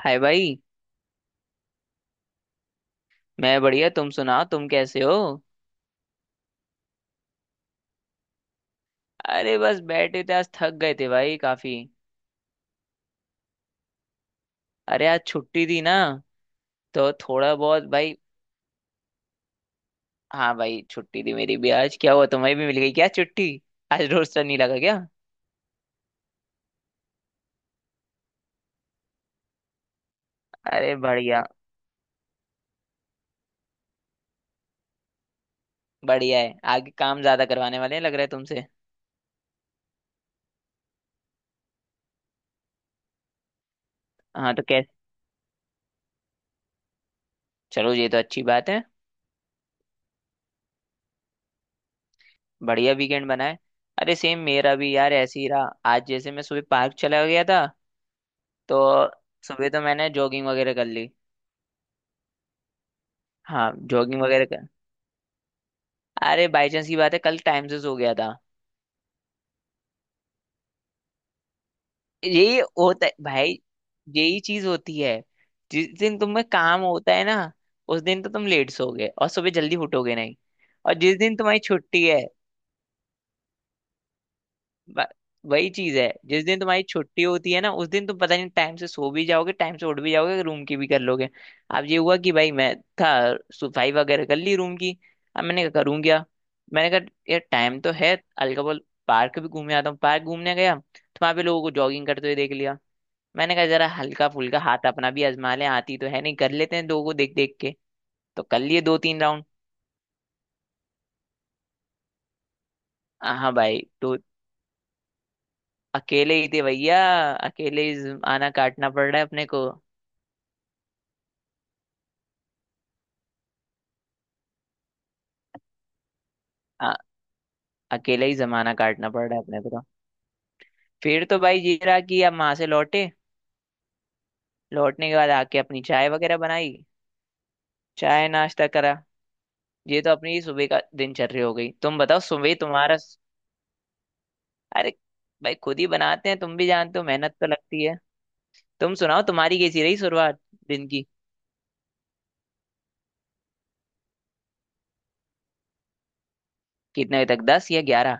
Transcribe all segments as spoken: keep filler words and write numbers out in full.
हाय भाई। मैं बढ़िया, तुम सुनाओ, तुम कैसे हो। अरे बस बैठे थे, आज थक गए थे भाई काफी। अरे आज छुट्टी थी ना, तो थोड़ा बहुत भाई। हाँ भाई, छुट्टी थी मेरी भी आज। क्या हुआ, तुम्हें भी मिल गई क्या छुट्टी? आज रोस्टर नहीं लगा क्या? अरे बढ़िया। बढ़िया है, आगे काम ज्यादा करवाने वाले हैं लग रहा है तुमसे। हाँ तो कैसे। चलो ये तो अच्छी बात है। बढ़िया वीकेंड बना है। अरे सेम मेरा भी यार, ऐसे ही रहा। आज जैसे मैं सुबह पार्क चला गया था। तो सुबह तो मैंने जॉगिंग वगैरह कर ली। हाँ जॉगिंग वगैरह कर। अरे बाई चांस की बात है, कल टाइम्स हो गया था। यही होता है भाई, यही चीज होती है। जिस दिन तुम्हें काम होता है ना, उस दिन तो तुम लेट सोओगे और सुबह जल्दी उठोगे नहीं। और जिस दिन तुम्हारी छुट्टी है, ब- वही चीज है। जिस दिन तुम्हारी छुट्टी होती है ना, उस दिन तुम पता नहीं टाइम से सो भी जाओगे, टाइम से उठ भी जाओगे, रूम की भी कर लोगे। अब ये हुआ कि भाई मैं था। सफाई वगैरह कर ली रूम की। अब मैंने कहा करूँ क्या। मैंने कहा यार टाइम तो है, हल्का बोल पार्क भी घूमे आता हूँ। पार्क घूमने गया तो वहां पे लोगों को जॉगिंग करते हुए देख लिया। मैंने कहा जरा हल्का फुल्का हाथ अपना भी आजमा ले, आती तो है नहीं, कर लेते हैं लोगों को देख देख के। तो कर लिए दो तीन राउंड। हाँ भाई तो अकेले ही थे भैया। अकेले ही आना काटना पड़ रहा है अपने को। अकेले ही जमाना काटना पड़ रहा है अपने को तो। फिर तो भाई ये रहा कि अब वहां से लौटे। लौटने के बाद आके अपनी चाय वगैरह बनाई। चाय नाश्ता करा। ये तो अपनी सुबह का दिनचर्या हो गई, तुम बताओ सुबह तुम्हारा। अरे भाई, खुद ही बनाते हैं, तुम भी जानते हो मेहनत तो लगती है। तुम सुनाओ तुम्हारी कैसी रही शुरुआत दिन की। कितने बजे तक, दस या ग्यारह?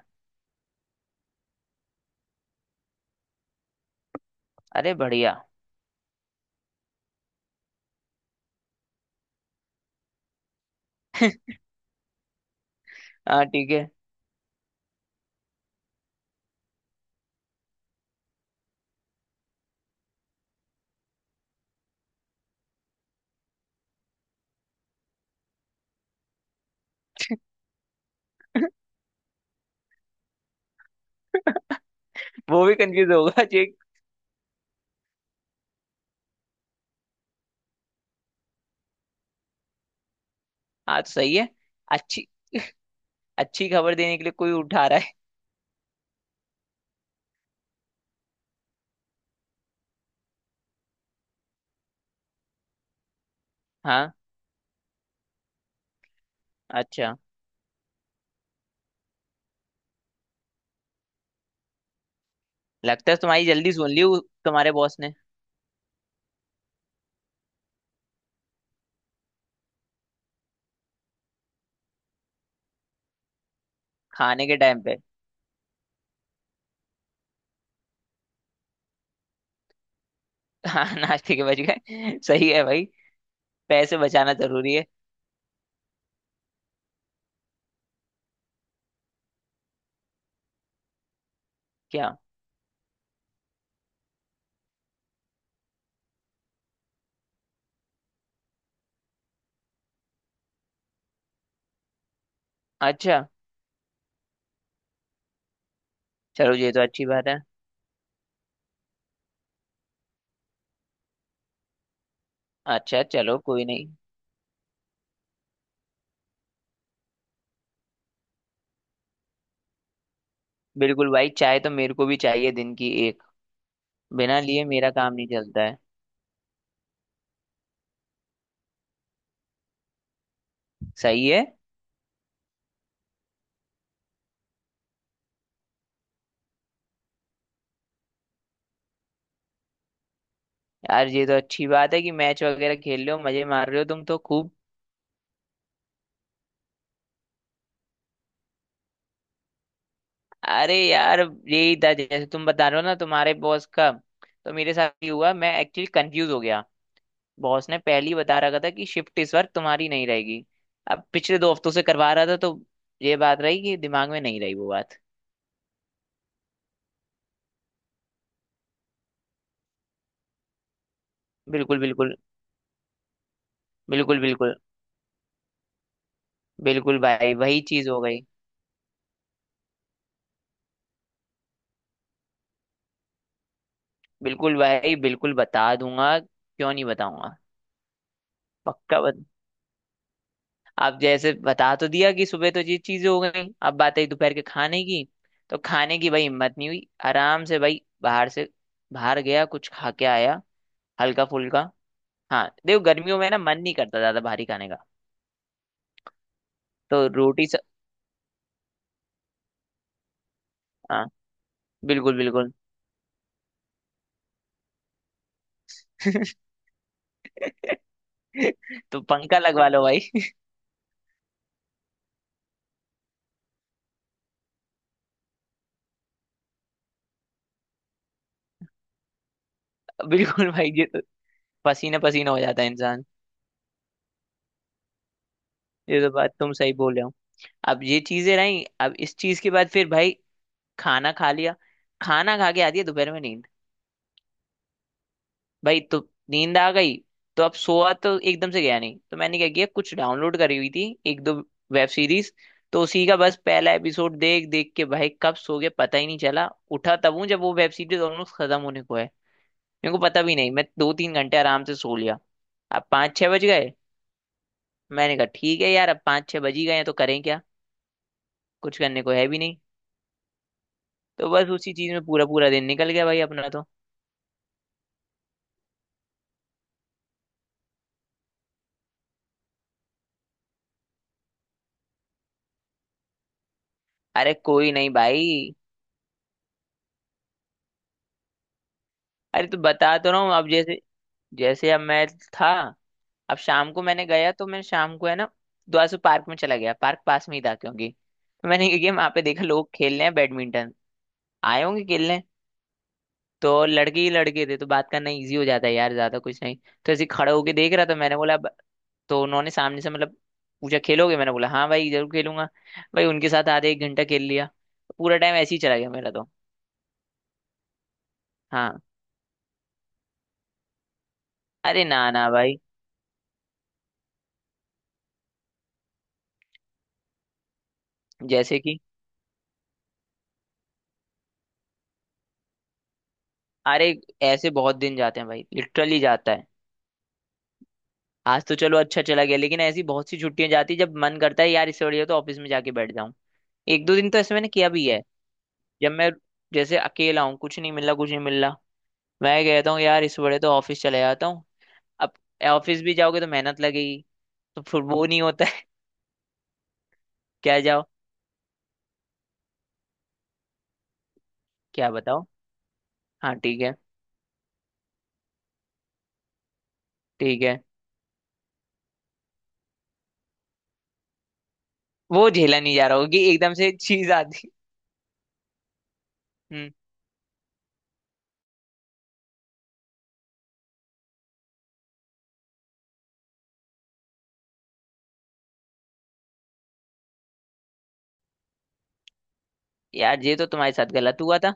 अरे बढ़िया। हाँ ठीक है। वो भी कंफ्यूज होगा चेक। हाँ तो सही है। अच्छी। अच्छी खबर देने के लिए कोई उठा रहा है। हाँ। अच्छा लगता है तुम्हारी जल्दी सुन ली उ- तुम्हारे बॉस ने। खाने के टाइम पे? हाँ, नाश्ते के बज गए, सही है भाई। पैसे बचाना जरूरी है। क्या? अच्छा, चलो ये तो अच्छी बात है। अच्छा चलो कोई नहीं। बिल्कुल भाई, चाय तो मेरे को भी चाहिए दिन की एक। बिना लिए मेरा काम नहीं चलता है। सही है यार, ये तो अच्छी बात है कि मैच वगैरह खेल रहे हो, मजे मार रहे हो तुम तो खूब। अरे यार, यही था जैसे तुम बता रहे हो ना तुम्हारे बॉस का, तो मेरे साथ ही हुआ। मैं एक्चुअली कंफ्यूज हो गया। बॉस ने पहले ही बता रखा था कि शिफ्ट इस बार तुम्हारी नहीं रहेगी। अब पिछले दो हफ्तों से करवा रहा था, तो ये बात रही कि दिमाग में नहीं रही वो बात। बिल्कुल बिल्कुल। बिल्कुल बिल्कुल। बिल्कुल भाई वही चीज हो गई। बिल्कुल भाई, बिल्कुल बता दूंगा, क्यों नहीं बताऊंगा। पक्का बत... आप जैसे बता तो दिया कि सुबह तो ये चीजें हो गई, अब बात आई दोपहर के खाने की। तो खाने की भाई हिम्मत नहीं हुई, आराम से भाई बाहर से, बाहर गया कुछ खा के आया, हल्का फुल्का। हाँ देखो गर्मियों में ना मन नहीं करता ज्यादा भारी खाने का। तो रोटी स... हाँ बिल्कुल बिल्कुल। तो पंखा लगवा लो भाई। बिल्कुल भाई, ये तो, पसीना पसीना हो जाता है इंसान। ये तो बात तुम सही बोल रहे हो। अब ये चीजें रही, अब इस चीज के बाद फिर भाई खाना खा लिया। खाना खा के आती है दोपहर में नींद। भाई तो नींद आ गई। तो अब सोआ तो एकदम से गया नहीं, तो मैंने क्या किया, कुछ डाउनलोड करी हुई थी, एक दो वेब सीरीज, तो उसी का बस पहला एपिसोड देख देख के भाई कब सो गया पता ही नहीं चला। उठा तब हूँ जब वो वेब सीरीज ऑलमोस्ट खत्म होने को है। मेरे को पता भी नहीं, मैं दो तीन घंटे आराम से सो लिया। अब पाँच छः बज गए। मैंने कहा ठीक है यार, अब पाँच छः बज ही गए हैं, तो करें क्या। कुछ करने को है भी नहीं। तो बस उसी चीज में पूरा पूरा दिन निकल गया भाई अपना तो। अरे कोई नहीं भाई। अरे तो बता तो रहा हूँ, अब जैसे, जैसे अब मैं था। अब शाम को मैंने गया, तो मैं शाम को है ना, द्वासू पार्क में चला गया। पार्क पास में ही था क्योंकि, तो मैंने क्या किया वहां पे देखा लोग खेल रहे हैं बैडमिंटन। आए होंगे खेलने। तो लड़के ही लड़के थे, तो बात करना इजी हो जाता है यार, ज्यादा कुछ नहीं। तो ऐसे ही खड़ा होके देख रहा था मैंने बोला। तो उन्होंने सामने से मतलब पूछा खेलोगे, मैंने बोला हाँ भाई जरूर खेलूंगा। भाई उनके साथ आधे एक घंटा खेल लिया। पूरा टाइम ऐसे ही चला गया मेरा तो। हाँ। अरे ना ना भाई। जैसे कि, अरे, ऐसे बहुत दिन जाते हैं भाई, लिटरली जाता है। आज तो चलो अच्छा चला गया, लेकिन ऐसी बहुत सी छुट्टियां जाती है जब मन करता है यार इससे बढ़िया तो ऑफिस में जाके बैठ जाऊं। एक दो दिन तो ऐसे मैंने किया भी है। जब मैं, जैसे अकेला हूँ, कुछ नहीं मिल रहा, कुछ नहीं मिल रहा, मैं कहता हूँ यार इससे बढ़िया तो ऑफिस चले जाता हूँ। अब ऑफिस भी जाओगे तो मेहनत लगेगी, तो फिर वो नहीं होता है। क्या जाओ। क्या बताओ। हाँ ठीक है। ठीक है। वो झेला नहीं जा रहा होगी एकदम से चीज आती। हम्म। यार ये तो तुम्हारे साथ गलत हुआ था।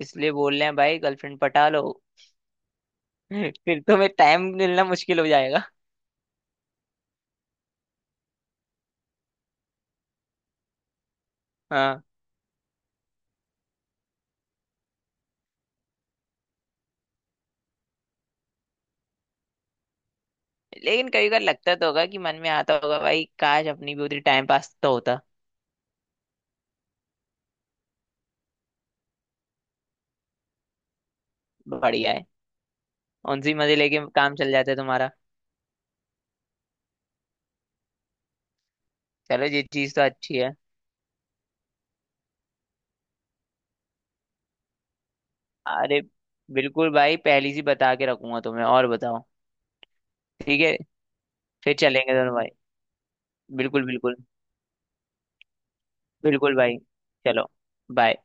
इसलिए बोल रहे हैं भाई, गर्लफ्रेंड पटा लो। फिर तुम्हें टाइम मिलना मुश्किल हो जाएगा। हाँ। लेकिन कभी कभार लगता तो होगा कि मन में आता होगा भाई, काश अपनी भी उतनी टाइम पास तो होता। बढ़िया है। उनसे मजे लेके काम चल जाता है तुम्हारा। चलो ये चीज तो अच्छी है। अरे बिल्कुल भाई, पहली सी बता के रखूंगा तुम्हें। और बताओ। ठीक है, फिर चलेंगे दोनों भाई। बिल्कुल बिल्कुल। बिल्कुल भाई। चलो। बाय।